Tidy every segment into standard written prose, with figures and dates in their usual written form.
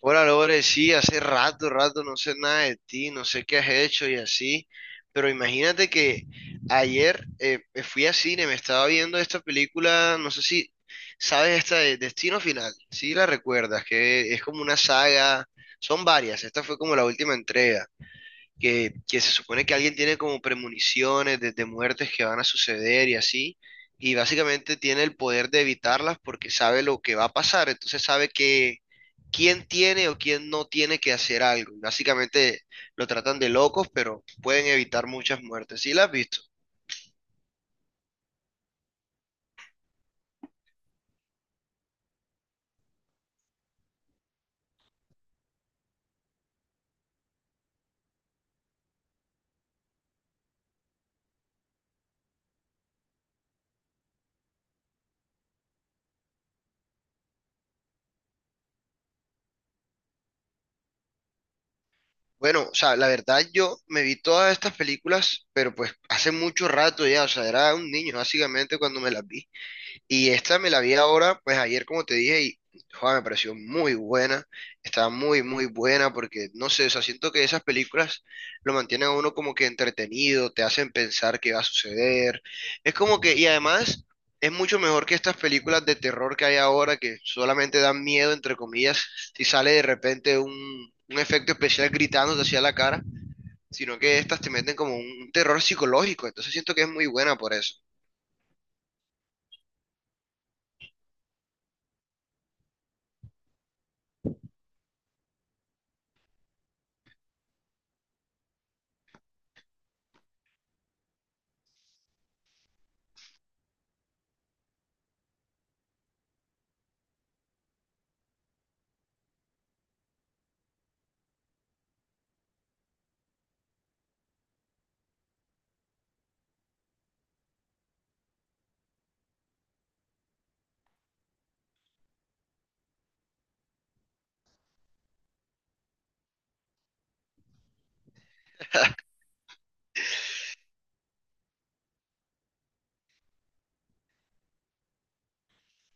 Hola Lore, sí, hace rato no sé nada de ti, no sé qué has hecho y así, pero imagínate que ayer fui a cine, me estaba viendo esta película, no sé si sabes esta de Destino Final, sí la recuerdas, que es como una saga, son varias, esta fue como la última entrega que se supone que alguien tiene como premoniciones de muertes que van a suceder y así, y básicamente tiene el poder de evitarlas porque sabe lo que va a pasar, entonces sabe que quién tiene o quién no tiene que hacer algo. Y básicamente lo tratan de locos, pero pueden evitar muchas muertes. ¿Sí las has visto? Bueno, o sea, la verdad yo me vi todas estas películas, pero pues hace mucho rato ya, o sea, era un niño básicamente cuando me las vi. Y esta me la vi ahora, pues ayer como te dije, y joder, me pareció muy buena, estaba muy, muy buena porque, no sé, o sea, siento que esas películas lo mantienen a uno como que entretenido, te hacen pensar qué va a suceder. Es como que, y además es mucho mejor que estas películas de terror que hay ahora que solamente dan miedo, entre comillas, si sale de repente un efecto especial gritándote hacia la cara, sino que estas te meten como un terror psicológico, entonces siento que es muy buena por eso.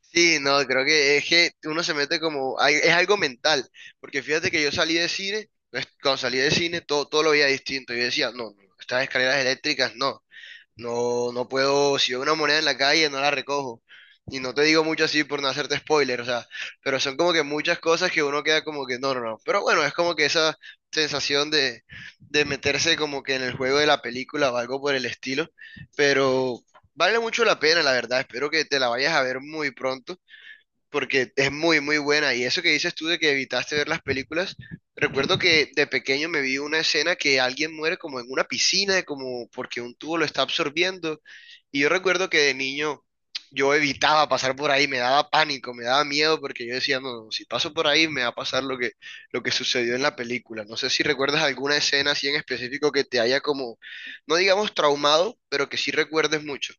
Sí, no, creo que es que uno se mete como, es algo mental, porque fíjate que yo salí de cine, pues, cuando salí de cine todo, todo lo veía distinto, yo decía, no, no, estas escaleras eléctricas no, no, no puedo, si veo una moneda en la calle no la recojo, y no te digo mucho así por no hacerte spoiler, o sea, pero son como que muchas cosas que uno queda como que no, no, no, pero bueno, es como que esa sensación de meterse como que en el juego de la película o algo por el estilo, pero... Vale mucho la pena, la verdad. Espero que te la vayas a ver muy pronto porque es muy, muy buena. Y eso que dices tú de que evitaste ver las películas, recuerdo que de pequeño me vi una escena que alguien muere como en una piscina, como porque un tubo lo está absorbiendo. Y yo recuerdo que de niño yo evitaba pasar por ahí, me daba pánico, me daba miedo, porque yo decía, no, no, si paso por ahí me va a pasar lo que sucedió en la película. No sé si recuerdas alguna escena así en específico que te haya como, no digamos traumado, pero que sí recuerdes mucho.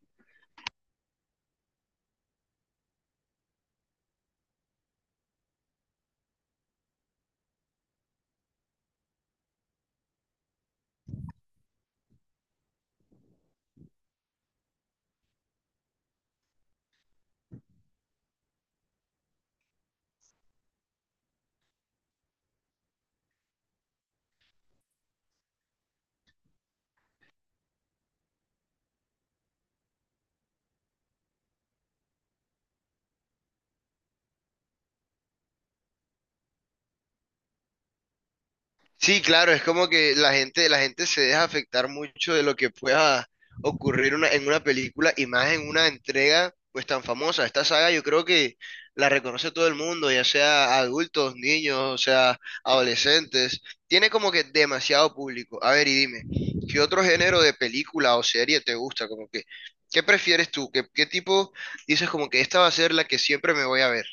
Sí, claro, es como que la gente se deja afectar mucho de lo que pueda ocurrir en una película y más en una entrega pues tan famosa. Esta saga yo creo que la reconoce todo el mundo, ya sea adultos, niños, o sea, adolescentes. Tiene como que demasiado público. A ver, y dime, ¿qué otro género de película o serie te gusta? Como que, ¿qué prefieres tú? ¿Qué, qué tipo dices como que esta va a ser la que siempre me voy a ver?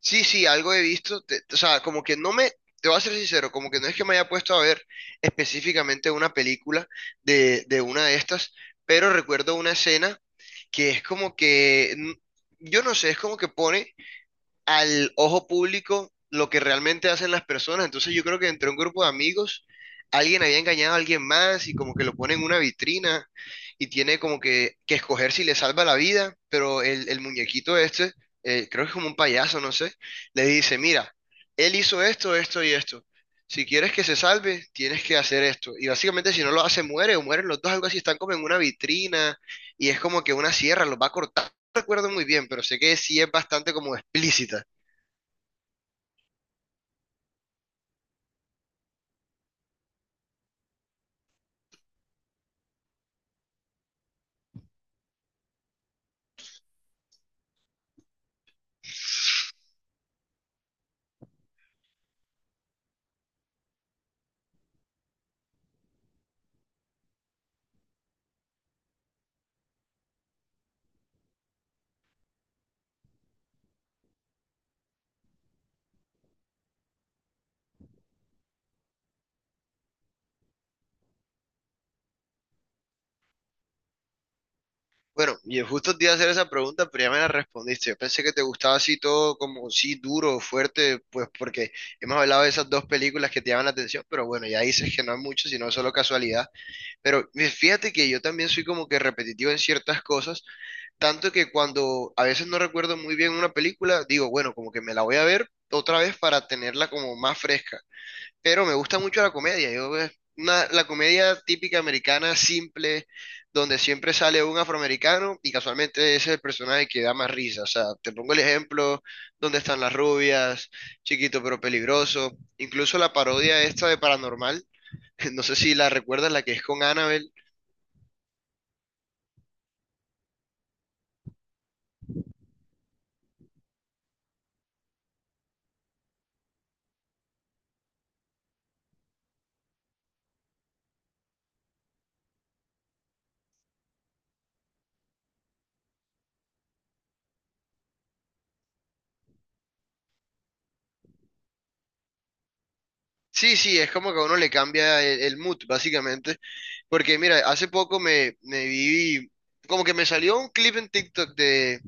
Sí, sí, algo he visto, o sea, como que no me, te voy a ser sincero, como que no es que me haya puesto a ver específicamente una película de una de estas, pero recuerdo una escena que es como que, yo no sé, es como que pone al ojo público lo que realmente hacen las personas. Entonces yo creo que entre un grupo de amigos, alguien había engañado a alguien más y como que lo pone en una vitrina y tiene como que escoger si le salva la vida, pero el muñequito este, creo que es como un payaso, no sé, le dice, mira, él hizo esto, esto y esto. Si quieres que se salve, tienes que hacer esto. Y básicamente si no lo hace, muere o mueren los dos, algo así, están como en una vitrina y es como que una sierra los va a cortar. No recuerdo muy bien, pero sé que sí es bastante como explícita. Bueno, y justo te iba a hacer esa pregunta, pero ya me la respondiste. Yo pensé que te gustaba así todo como sí duro, fuerte, pues porque hemos hablado de esas dos películas que te llaman la atención, pero bueno, ya dices que no es mucho, sino solo casualidad. Pero fíjate que yo también soy como que repetitivo en ciertas cosas, tanto que cuando a veces no recuerdo muy bien una película, digo, bueno, como que me la voy a ver otra vez para tenerla como más fresca pero me gusta mucho la comedia. Yo, es una, la comedia típica americana, simple, donde siempre sale un afroamericano y casualmente ese es el personaje que da más risa. O sea, te pongo el ejemplo, ¿Dónde están las rubias? Chiquito pero peligroso. Incluso la parodia esta de Paranormal, no sé si la recuerdas, la que es con Annabelle. Sí, sí, es como que a uno le cambia el mood, básicamente. Porque mira, hace poco me vi, como que me salió un clip en TikTok de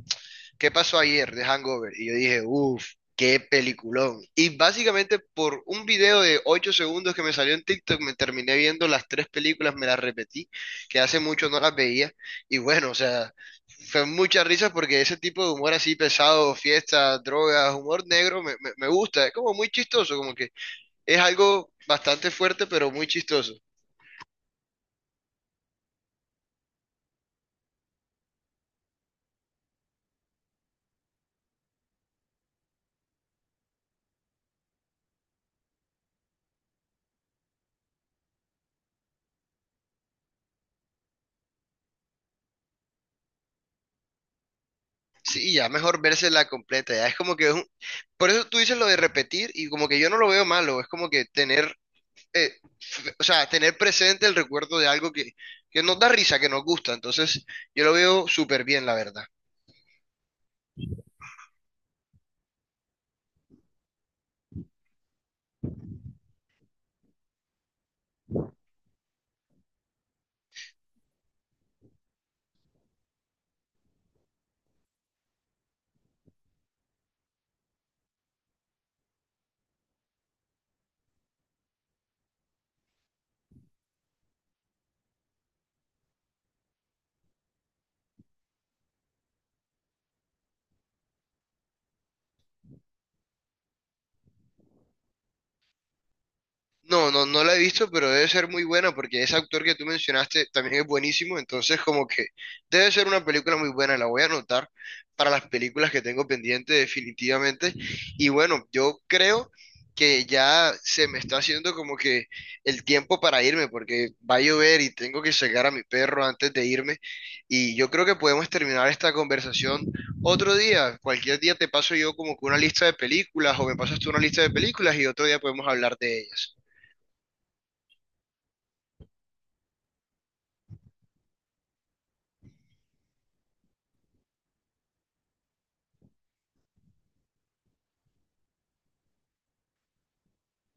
¿Qué pasó ayer de Hangover? Y yo dije, uff, qué peliculón. Y básicamente por un video de 8 segundos que me salió en TikTok, me terminé viendo las tres películas, me las repetí, que hace mucho no las veía. Y bueno, o sea, fue muchas risas porque ese tipo de humor así pesado, fiesta, drogas, humor negro, me gusta. Es como muy chistoso, como que es algo bastante fuerte, pero muy chistoso. Sí, ya mejor vérsela completa, ya es como que es un... Por eso tú dices lo de repetir y como que yo no lo veo malo, es como que tener eh, o sea, tener presente el recuerdo de algo que nos da risa, que nos gusta. Entonces, yo lo veo súper bien, la verdad. No, no, no la he visto, pero debe ser muy buena porque ese actor que tú mencionaste también es buenísimo, entonces como que debe ser una película muy buena, la voy a anotar para las películas que tengo pendiente definitivamente. Y bueno, yo creo que ya se me está haciendo como que el tiempo para irme porque va a llover y tengo que sacar a mi perro antes de irme y yo creo que podemos terminar esta conversación otro día, cualquier día te paso yo como que una lista de películas o me pasas tú una lista de películas y otro día podemos hablar de ellas.